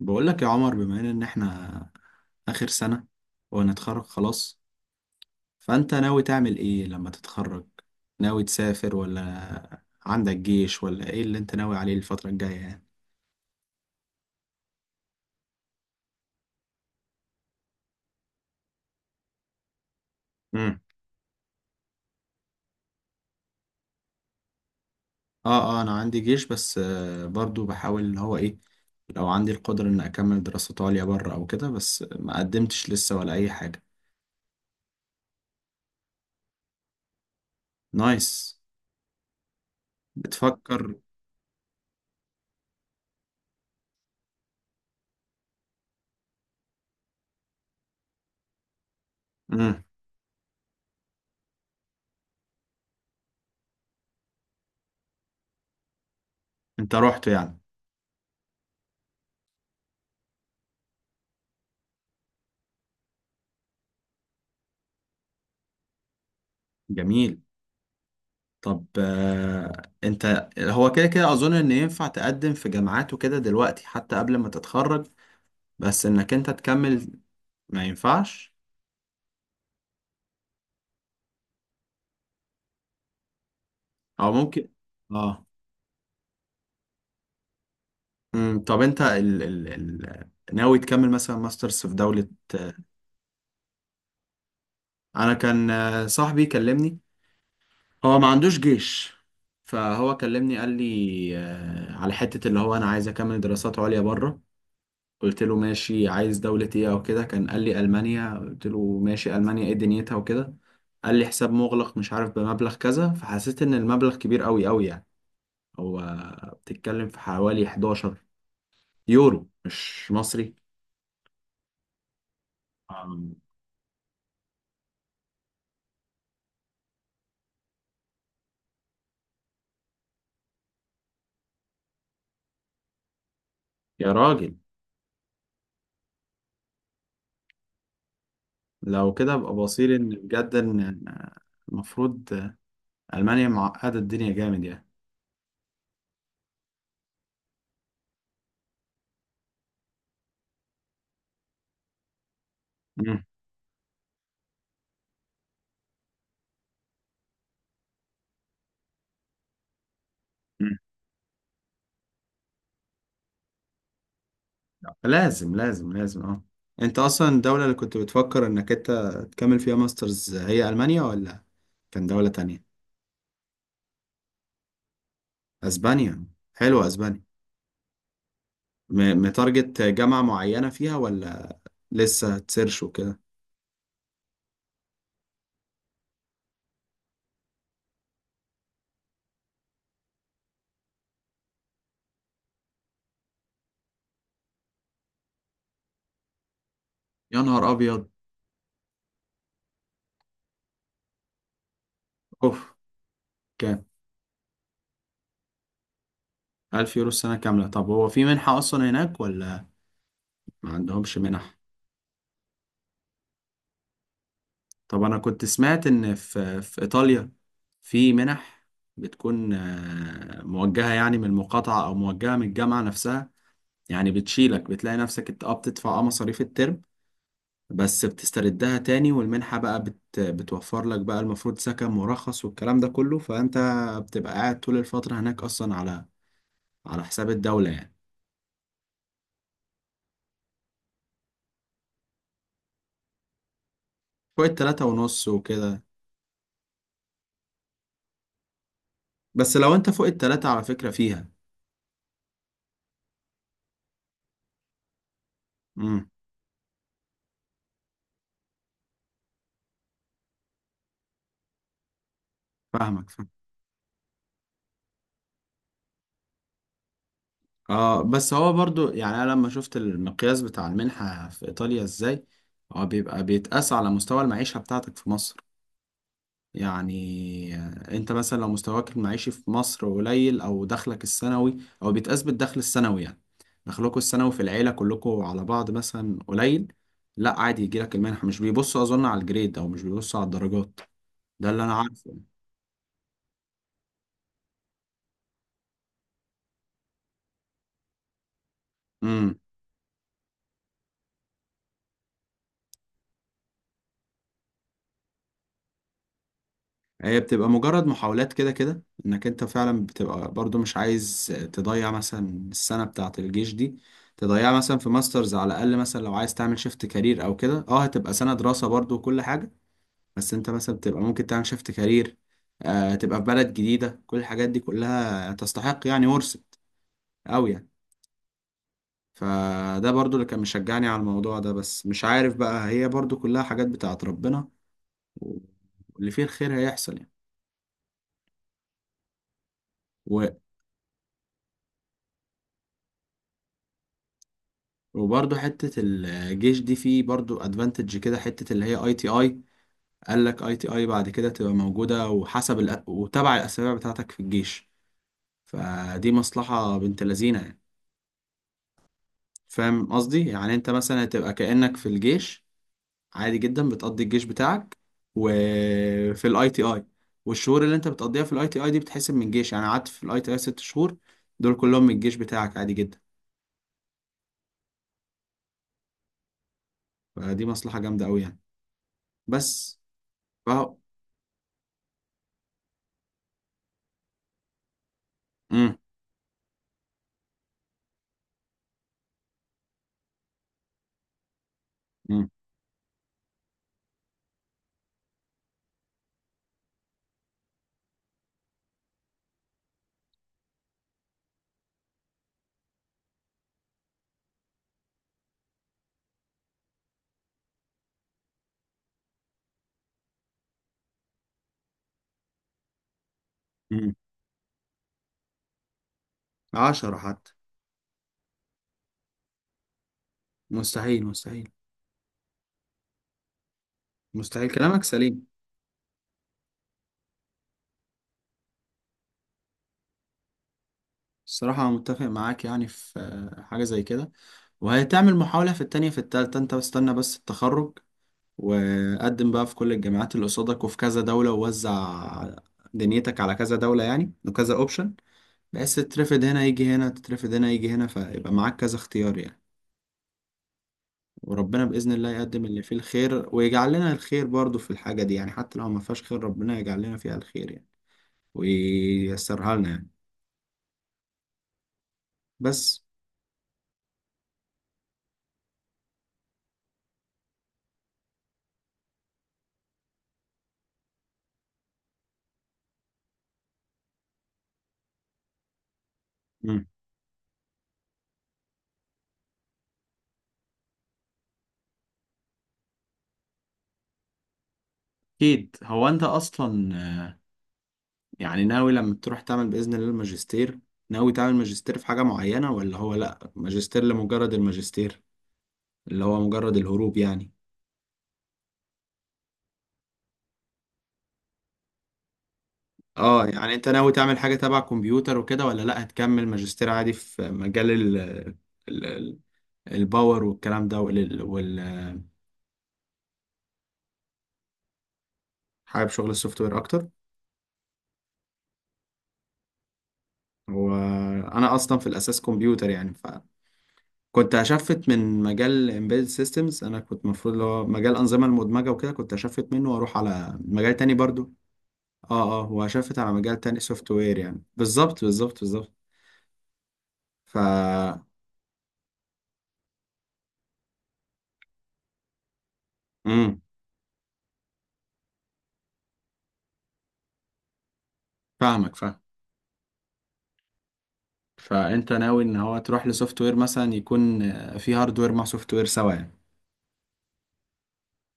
بقول لك يا عمر، بما ان احنا اخر سنة ونتخرج خلاص. فانت ناوي تعمل ايه لما تتخرج؟ ناوي تسافر ولا عندك جيش ولا ايه اللي انت ناوي عليه الفترة الجاية يعني. امم اه، اه، انا عندي جيش. بس برضو بحاول اللي هو ايه، لو عندي القدرة ان اكمل دراسات عليا بره او كده، بس ما قدمتش لسه ولا اي حاجة. نايس. بتفكر. امم انت رحت يعني؟ جميل. طب انت هو كده كده اظن ان ينفع تقدم في جامعات وكده دلوقتي حتى قبل ما تتخرج، بس انك انت تكمل. ما ينفعش؟ او ممكن. اه. طب انت ناوي تكمل مثلا ماسترز في دولة آه، انا كان صاحبي كلمني، هو ما عندوش جيش، فهو كلمني قال لي على حتة اللي هو انا عايز اكمل دراسات عليا بره. قلت له ماشي، عايز دولة ايه او كده؟ كان قال لي ألمانيا. قلت له ماشي، ألمانيا ايه دنيتها وكده؟ قال لي حساب مغلق مش عارف بمبلغ كذا، فحسيت ان المبلغ كبير قوي قوي يعني. هو بتتكلم في حوالي 11 يورو، مش مصري. أم، يا راجل، لو كده ابقى بصير ان بجد ان المفروض. ألمانيا معقدة الدنيا جامد يعني. مم. مم. لازم لازم لازم. اه، انت اصلا الدولة اللي كنت بتفكر انك انت تكمل فيها ماسترز هي ألمانيا، ولا كان دولة تانية؟ اسبانيا، حلوة اسبانيا. متارجت جامعة معينة فيها ولا لسه تسيرش وكده؟ يا نهار ابيض. اوف. كام؟ ألف يورو السنة كاملة؟ طب هو في منحة أصلا هناك ولا ما عندهمش منح؟ طب أنا كنت سمعت إن في في إيطاليا في منح، بتكون موجهة يعني من المقاطعة أو موجهة من الجامعة نفسها، يعني بتشيلك. بتلاقي نفسك أنت بتدفع مصاريف الترم، بس بتستردها تاني، والمنحة بقى بتوفر لك بقى المفروض سكن مرخص والكلام ده كله. فأنت بتبقى قاعد طول الفترة هناك أصلا على على حساب الدولة يعني. فوق التلاتة ونص وكده؟ بس لو أنت فوق التلاتة على فكرة فيها. امم فاهمك، فاهم. اه، بس هو برضو يعني أنا لما شفت المقياس بتاع المنحة في إيطاليا إزاي، هو بيبقى بيتقاس على مستوى المعيشة بتاعتك في مصر. يعني انت مثلا لو مستواك المعيشي في مصر قليل، او دخلك السنوي، او بيتقاس بالدخل السنوي يعني، دخلكوا السنوي في العيلة كلكم على بعض مثلا قليل، لا عادي يجيلك المنحة. مش بيبصوا اظن على الجريد، او مش بيبصوا على الدرجات، ده اللي انا عارفه. امم. هي بتبقى مجرد محاولات كده كده، انك انت فعلا بتبقى برضو مش عايز تضيع مثلا السنة بتاعة الجيش دي، تضيعها مثلا في ماسترز على الاقل. مثلا لو عايز تعمل شيفت كارير او كده، اه هتبقى سنة دراسة برضو وكل حاجة، بس انت مثلا بتبقى ممكن تعمل شيفت كارير، آه تبقى في بلد جديدة، كل الحاجات دي كلها تستحق يعني ورثت أوي يعني. فده برضو اللي كان مشجعني على الموضوع ده، بس مش عارف بقى، هي برضو كلها حاجات بتاعت ربنا، واللي فيه الخير هيحصل يعني. و- وبرضو حتة الجيش دي فيه برضو ادفانتج كده، حتة اللي هي اي تي اي، قال لك اي تي اي بعد كده تبقى موجودة، وحسب وتبع الأسابيع بتاعتك في الجيش. فدي مصلحة بنت لذينة يعني. فاهم قصدي؟ يعني انت مثلا هتبقى كأنك في الجيش عادي جدا، بتقضي الجيش بتاعك وفي الاي تي اي، والشهور اللي انت بتقضيها في الاي تي اي دي بتحسب من الجيش. يعني قعدت في الاي تي اي ست شهور، دول كلهم من الجيش بتاعك عادي جدا. فدي مصلحة جامدة قوي يعني. بس ف امم امم امم عشرة حتى. مستحيل، مستحيل، مستحيل، كلامك سليم. الصراحة أنا متفق معاك يعني في حاجة زي كده. وهتعمل محاولة في التانية، في التالتة، أنت بستنى بس التخرج، وقدم بقى في كل الجامعات اللي قصادك، وفي كذا دولة، ووزع دنيتك على كذا دولة يعني، وكذا اوبشن، بحيث تترفض هنا يجي هنا، تترفض هنا يجي هنا، فيبقى معاك كذا اختيار يعني. وربنا بإذن الله يقدم اللي فيه الخير، ويجعل لنا الخير برضو في الحاجة دي يعني، حتى لو ما فيهاش خير، ربنا يجعل لنا فيها الخير يعني، وييسرها لنا يعني. بس. مم. أكيد. هو أنت أصلا يعني ناوي لما تروح تعمل بإذن الله الماجستير، ناوي تعمل ماجستير في حاجة معينة، ولا هو لأ، ماجستير لمجرد الماجستير، اللي هو مجرد الهروب يعني؟ اه، يعني انت ناوي تعمل حاجة تبع كمبيوتر وكده، ولا لا هتكمل ماجستير عادي في مجال ال ال- الباور والكلام ده حابب شغل السوفت وير اكتر. وانا اصلا في الاساس كمبيوتر يعني، فكنت هشفت من مجال embedded systems، انا كنت المفروض اللي هو مجال الانظمة المدمجة وكده كنت هشفت منه واروح على مجال تاني برضو. اه، اه، وهشفت على مجال تاني سوفت وير يعني، بالظبط بالظبط بالظبط. ف امم فاهمك، فاهمك. فانت ناوي ان هو تروح لسوفت وير، مثلا يكون في هاردوير مع سوفت وير سوا يعني.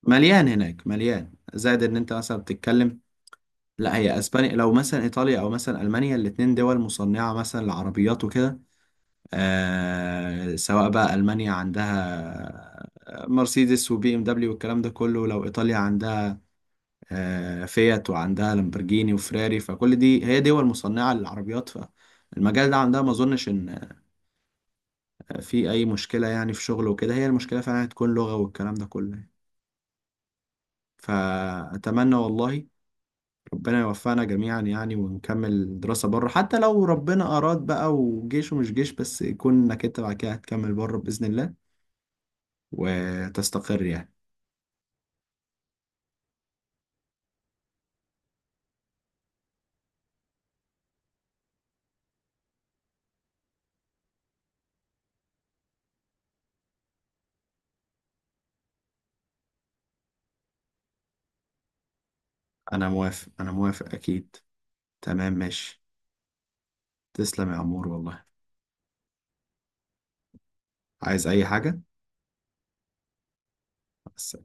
مليان هناك، مليان، زائد ان انت مثلا بتتكلم، لا هي اسبانيا، لو مثلا ايطاليا او مثلا المانيا، الاتنين دول مصنعه مثلا لعربيات وكده. سواء بقى المانيا عندها مرسيدس وبي ام دبليو والكلام ده كله، لو ايطاليا عندها فيات وعندها لامبرجيني وفراري، فكل دي هي دول مصنعه للعربيات. فالمجال ده عندها ما اظنش ان في اي مشكله يعني في شغل وكده. هي المشكله فعلا هتكون لغه والكلام ده كله يعني. فاتمنى والله ربنا يوفقنا جميعا يعني، ونكمل دراسه بره، حتى لو ربنا اراد بقى وجيش ومش جيش، بس يكون انك انت بعد كده هتكمل بره باذن الله وتستقر يعني. انا موافق، انا موافق، اكيد. تمام، ماشي. تسلم يا عمور والله. عايز اي حاجه؟ بس.